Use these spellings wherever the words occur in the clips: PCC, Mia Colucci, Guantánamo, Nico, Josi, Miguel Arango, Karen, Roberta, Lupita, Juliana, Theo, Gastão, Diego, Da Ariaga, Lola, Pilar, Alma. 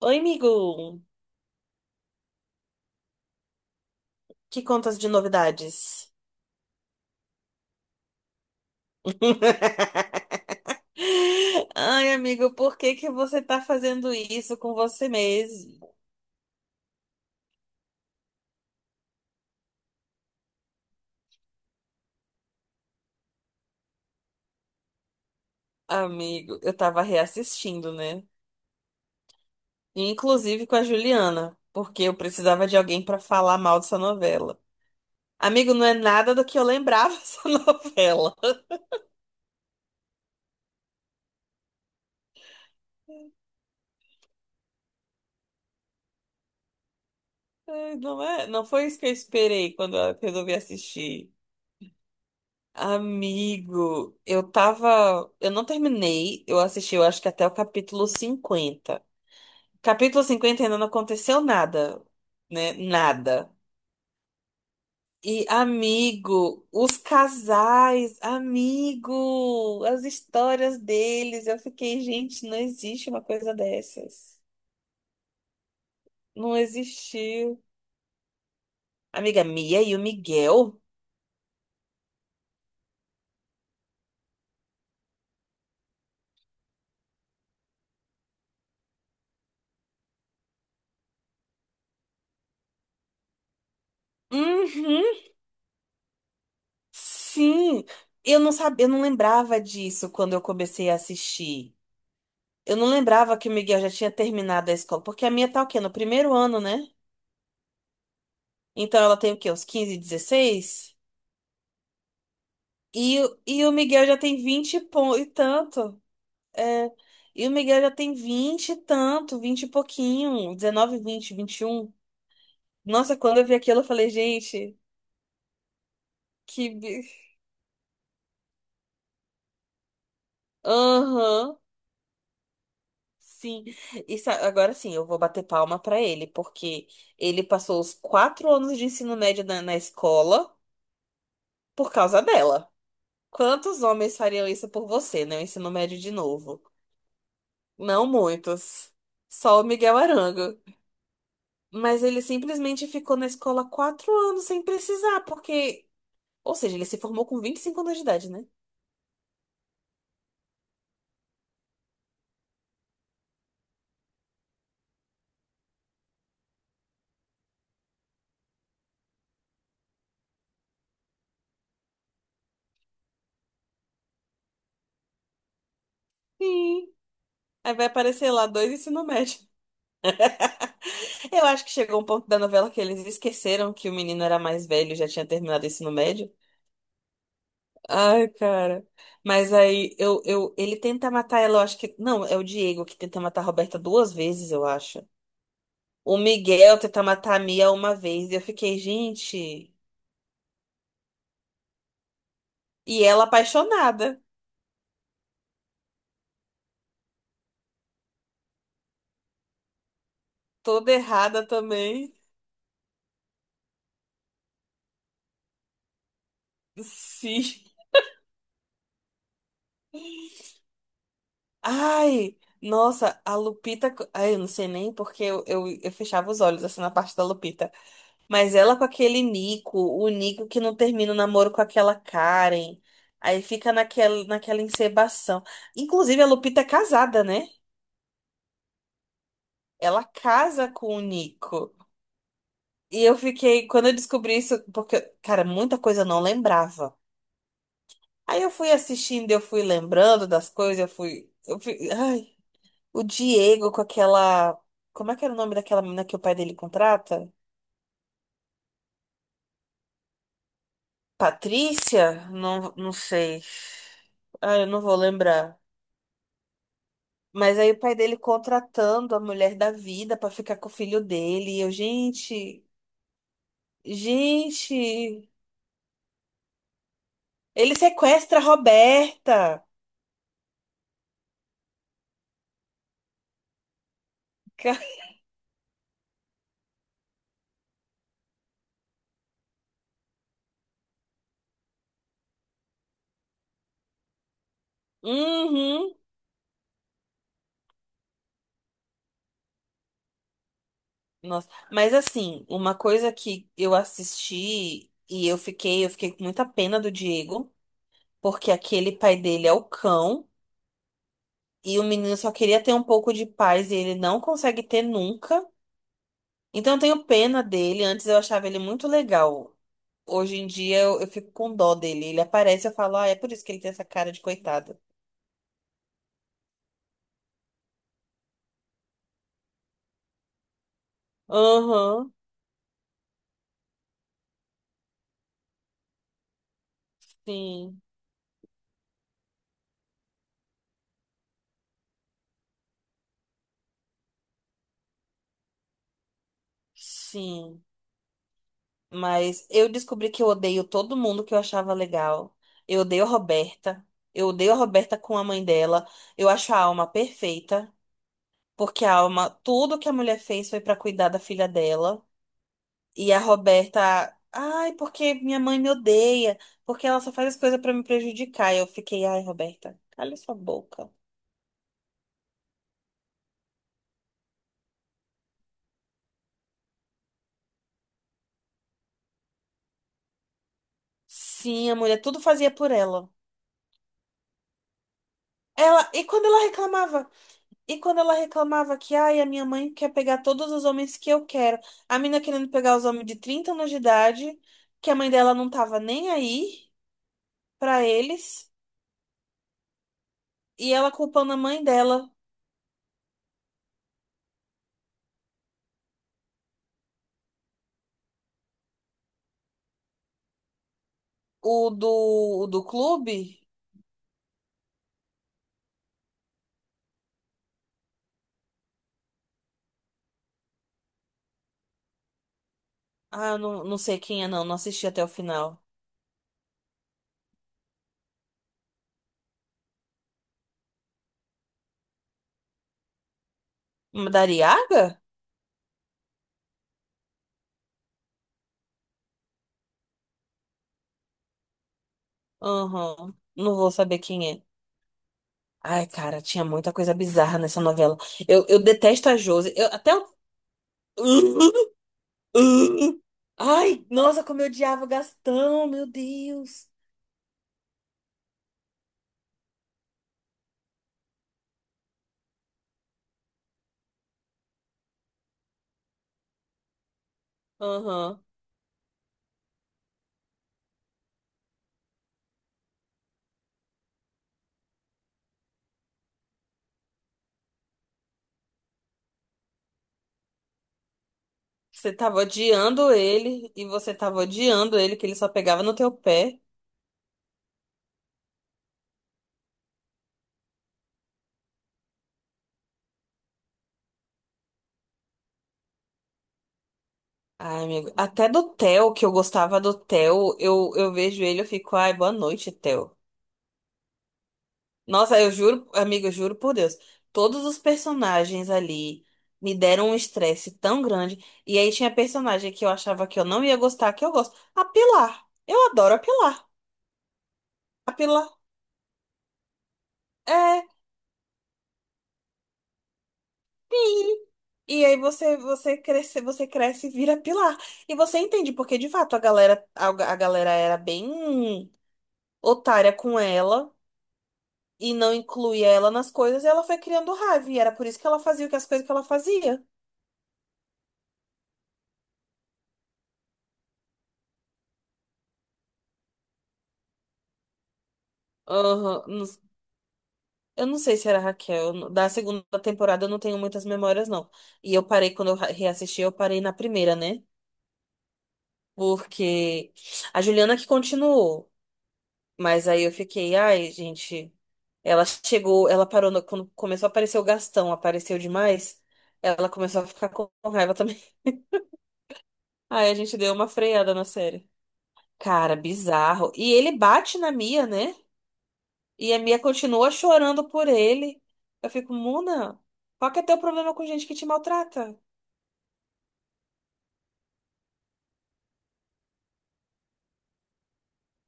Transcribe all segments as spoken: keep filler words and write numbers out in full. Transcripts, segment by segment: Oi, amigo! Que contas de novidades? Ai, amigo, por que que você tá fazendo isso com você mesmo? Amigo, eu tava reassistindo, né? Inclusive com a Juliana, porque eu precisava de alguém pra falar mal dessa novela. Amigo, não é nada do que eu lembrava dessa novela. Ai, não é, não foi isso que eu esperei quando eu resolvi assistir. Amigo, eu tava. Eu não terminei, eu assisti, eu acho que até o capítulo cinquenta. Capítulo cinquenta ainda não aconteceu nada, né? Nada. E, amigo, os casais, amigo, as histórias deles. Eu fiquei, gente, não existe uma coisa dessas. Não existiu. Amiga, Mia e o Miguel? Uhum, sim. Eu não sabia, eu não lembrava disso quando eu comecei a assistir. Eu não lembrava que o Miguel já tinha terminado a escola, porque a minha tá o quê? No primeiro ano, né? Então ela tem o quê? Uns quinze, dezesseis. E, o- e o Miguel já tem vinte e pon- e tanto. É, e o Miguel já tem vinte e tanto, vinte e pouquinho, dezenove, vinte vinte e um. Nossa, quando eu vi aquilo, eu falei, gente, que. bi- aham, sim. Isso, agora sim, eu vou bater palma pra ele, porque ele passou os quatro anos de ensino médio na na escola por causa dela. Quantos homens fariam isso por você, né? O ensino médio de novo. Não muitos. Só o Miguel Arango. Mas ele simplesmente ficou na escola quatro anos sem precisar, porque. Ou seja, ele se formou com vinte e cinco anos de idade, né? Sim, aí vai aparecer lá dois ensino médio. Eu acho que chegou um ponto da novela que eles esqueceram que o menino era mais velho e já tinha terminado o ensino médio. Ai, cara. Mas aí eu, eu, ele tenta matar ela, eu acho que. Não, é o Diego que tenta matar a Roberta duas vezes, eu acho. O Miguel tentar matar a Mia uma vez. E eu fiquei, gente. E ela apaixonada. Toda errada também. Sim. Ai, nossa, a Lupita. co- Ai, eu não sei nem porque eu, eu, eu fechava os olhos assim na parte da Lupita. Mas ela com aquele Nico, o Nico que não termina o namoro com aquela Karen. Aí fica naquela, naquela encebação. Inclusive, a Lupita é casada, né? Ela casa com o Nico. E eu fiquei, quando eu descobri isso, porque, cara, muita coisa eu não lembrava. Aí eu fui assistindo, eu fui lembrando das coisas, eu fui, eu fui, ai, o Diego com aquela, como é que era o nome daquela menina que o pai dele contrata? Patrícia? Não, não sei. Ah, eu não vou lembrar. Mas aí o pai dele contratando a mulher da vida pra ficar com o filho dele. E eu, gente, gente, ele sequestra a Roberta. Uhum. Nossa, mas assim, uma coisa que eu assisti e eu fiquei, eu fiquei com muita pena do Diego, porque aquele pai dele é o cão e o menino só queria ter um pouco de paz e ele não consegue ter nunca. Então eu tenho pena dele, antes eu achava ele muito legal. Hoje em dia eu, eu fico com dó dele. Ele aparece e eu falo, ah, é por isso que ele tem essa cara de coitado. Aham, sim, sim. Mas eu descobri que eu odeio todo mundo que eu achava legal. Eu odeio a Roberta. Eu odeio a Roberta com a mãe dela. Eu acho a Alma perfeita, porque a Alma, tudo que a mulher fez foi pra cuidar da filha dela. E a Roberta, ai, porque minha mãe me odeia, porque ela só faz as coisas pra me prejudicar. E eu fiquei, ai, Roberta, cala sua boca. Sim, a mulher tudo fazia por ela. Ela, e quando ela reclamava? E quando ela reclamava que, ai, a minha mãe quer pegar todos os homens que eu quero. A mina querendo pegar os homens de trinta anos de idade, que a mãe dela não tava nem aí pra eles. E ela culpando a mãe dela, o do, o do clube. Ah, eu não, não sei quem é, não. Não assisti até o final. Hum, Da Ariaga? Aham. Não vou saber quem é. Ai, cara, tinha muita coisa bizarra nessa novela. Eu, eu detesto a Josi. Eu, até o. Uh, ai, nossa, como eu odiava o Gastão, meu Deus. Aham. Você tava odiando ele e você tava odiando ele, que ele só pegava no teu pé. Ai, amigo. Até do Theo, que eu gostava do Theo, eu, eu vejo ele, eu fico, ai, boa noite, Theo. Nossa, eu juro, amigo, eu juro por Deus. Todos os personagens ali me deram um estresse tão grande. E aí tinha personagem que eu achava que eu não ia gostar, que eu gosto. A Pilar. Eu adoro a Pilar. A Pilar. É. Sim. E aí você você cresce, você cresce e vira pilar. E você entende porque de fato a galera a, a galera era bem otária com ela e não incluía ela nas coisas, e ela foi criando raiva e era por isso que ela fazia o que as coisas que ela fazia. Aham, não- Eu não sei se era a Raquel. no- Da segunda temporada eu não tenho muitas memórias, não. E eu parei, quando eu ra- reassisti, eu parei na primeira, né? Porque a Juliana que continuou. Mas aí eu fiquei, ai, gente. Ela chegou, ela parou, no- quando começou a aparecer o Gastão, apareceu demais. Ela começou a ficar com raiva também. Aí a gente deu uma freada na série. Cara, bizarro. E ele bate na Mia, né? E a Mia continua chorando por ele. Eu fico, Muna, qual que é teu problema com gente que te maltrata?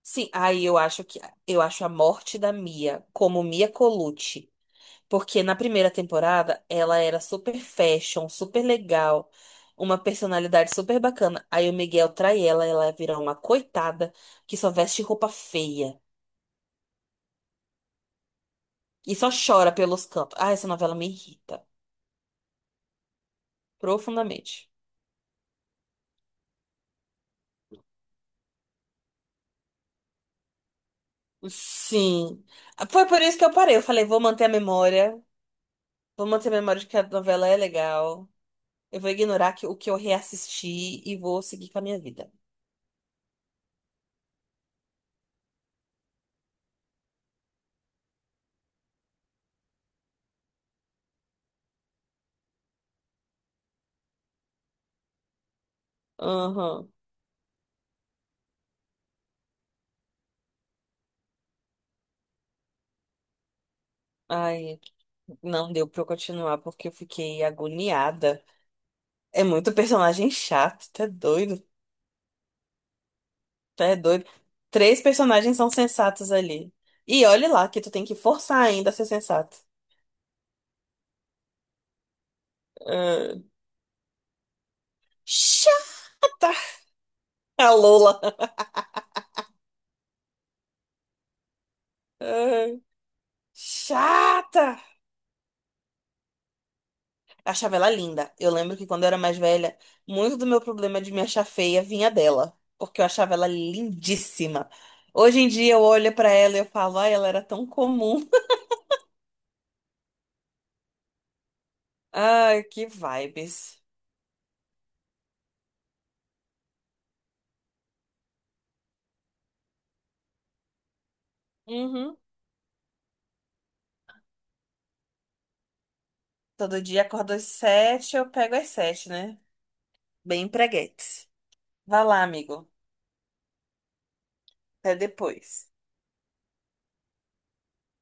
Sim, aí eu acho que eu acho a morte da Mia como Mia Colucci. Porque na primeira temporada ela era super fashion, super legal, uma personalidade super bacana. Aí o Miguel trai ela, ela vira uma coitada que só veste roupa feia e só chora pelos cantos. Ah, essa novela me irrita profundamente. Sim. Foi por isso que eu parei. Eu falei, vou manter a memória, vou manter a memória de que a novela é legal. Eu vou ignorar que- o que eu reassisti e vou seguir com a minha vida. Aham. Ai. Não deu pra eu continuar porque eu fiquei agoniada. É muito personagem chato, tá doido, tá doido. Três personagens são sensatos ali. E olhe lá que tu tem que forçar ainda a ser sensato. Ah, chata! A Lola. Ah, chata! Achava ela linda. Eu lembro que quando eu era mais velha, muito do meu problema de me achar feia vinha dela, porque eu achava ela lindíssima. Hoje em dia eu olho pra ela e eu falo, ai, ela era tão comum. Ai, que vibes. Uhum. Todo dia acordo às sete, eu pego às sete, né? Bem empreguete. Vai lá, amigo. Até depois.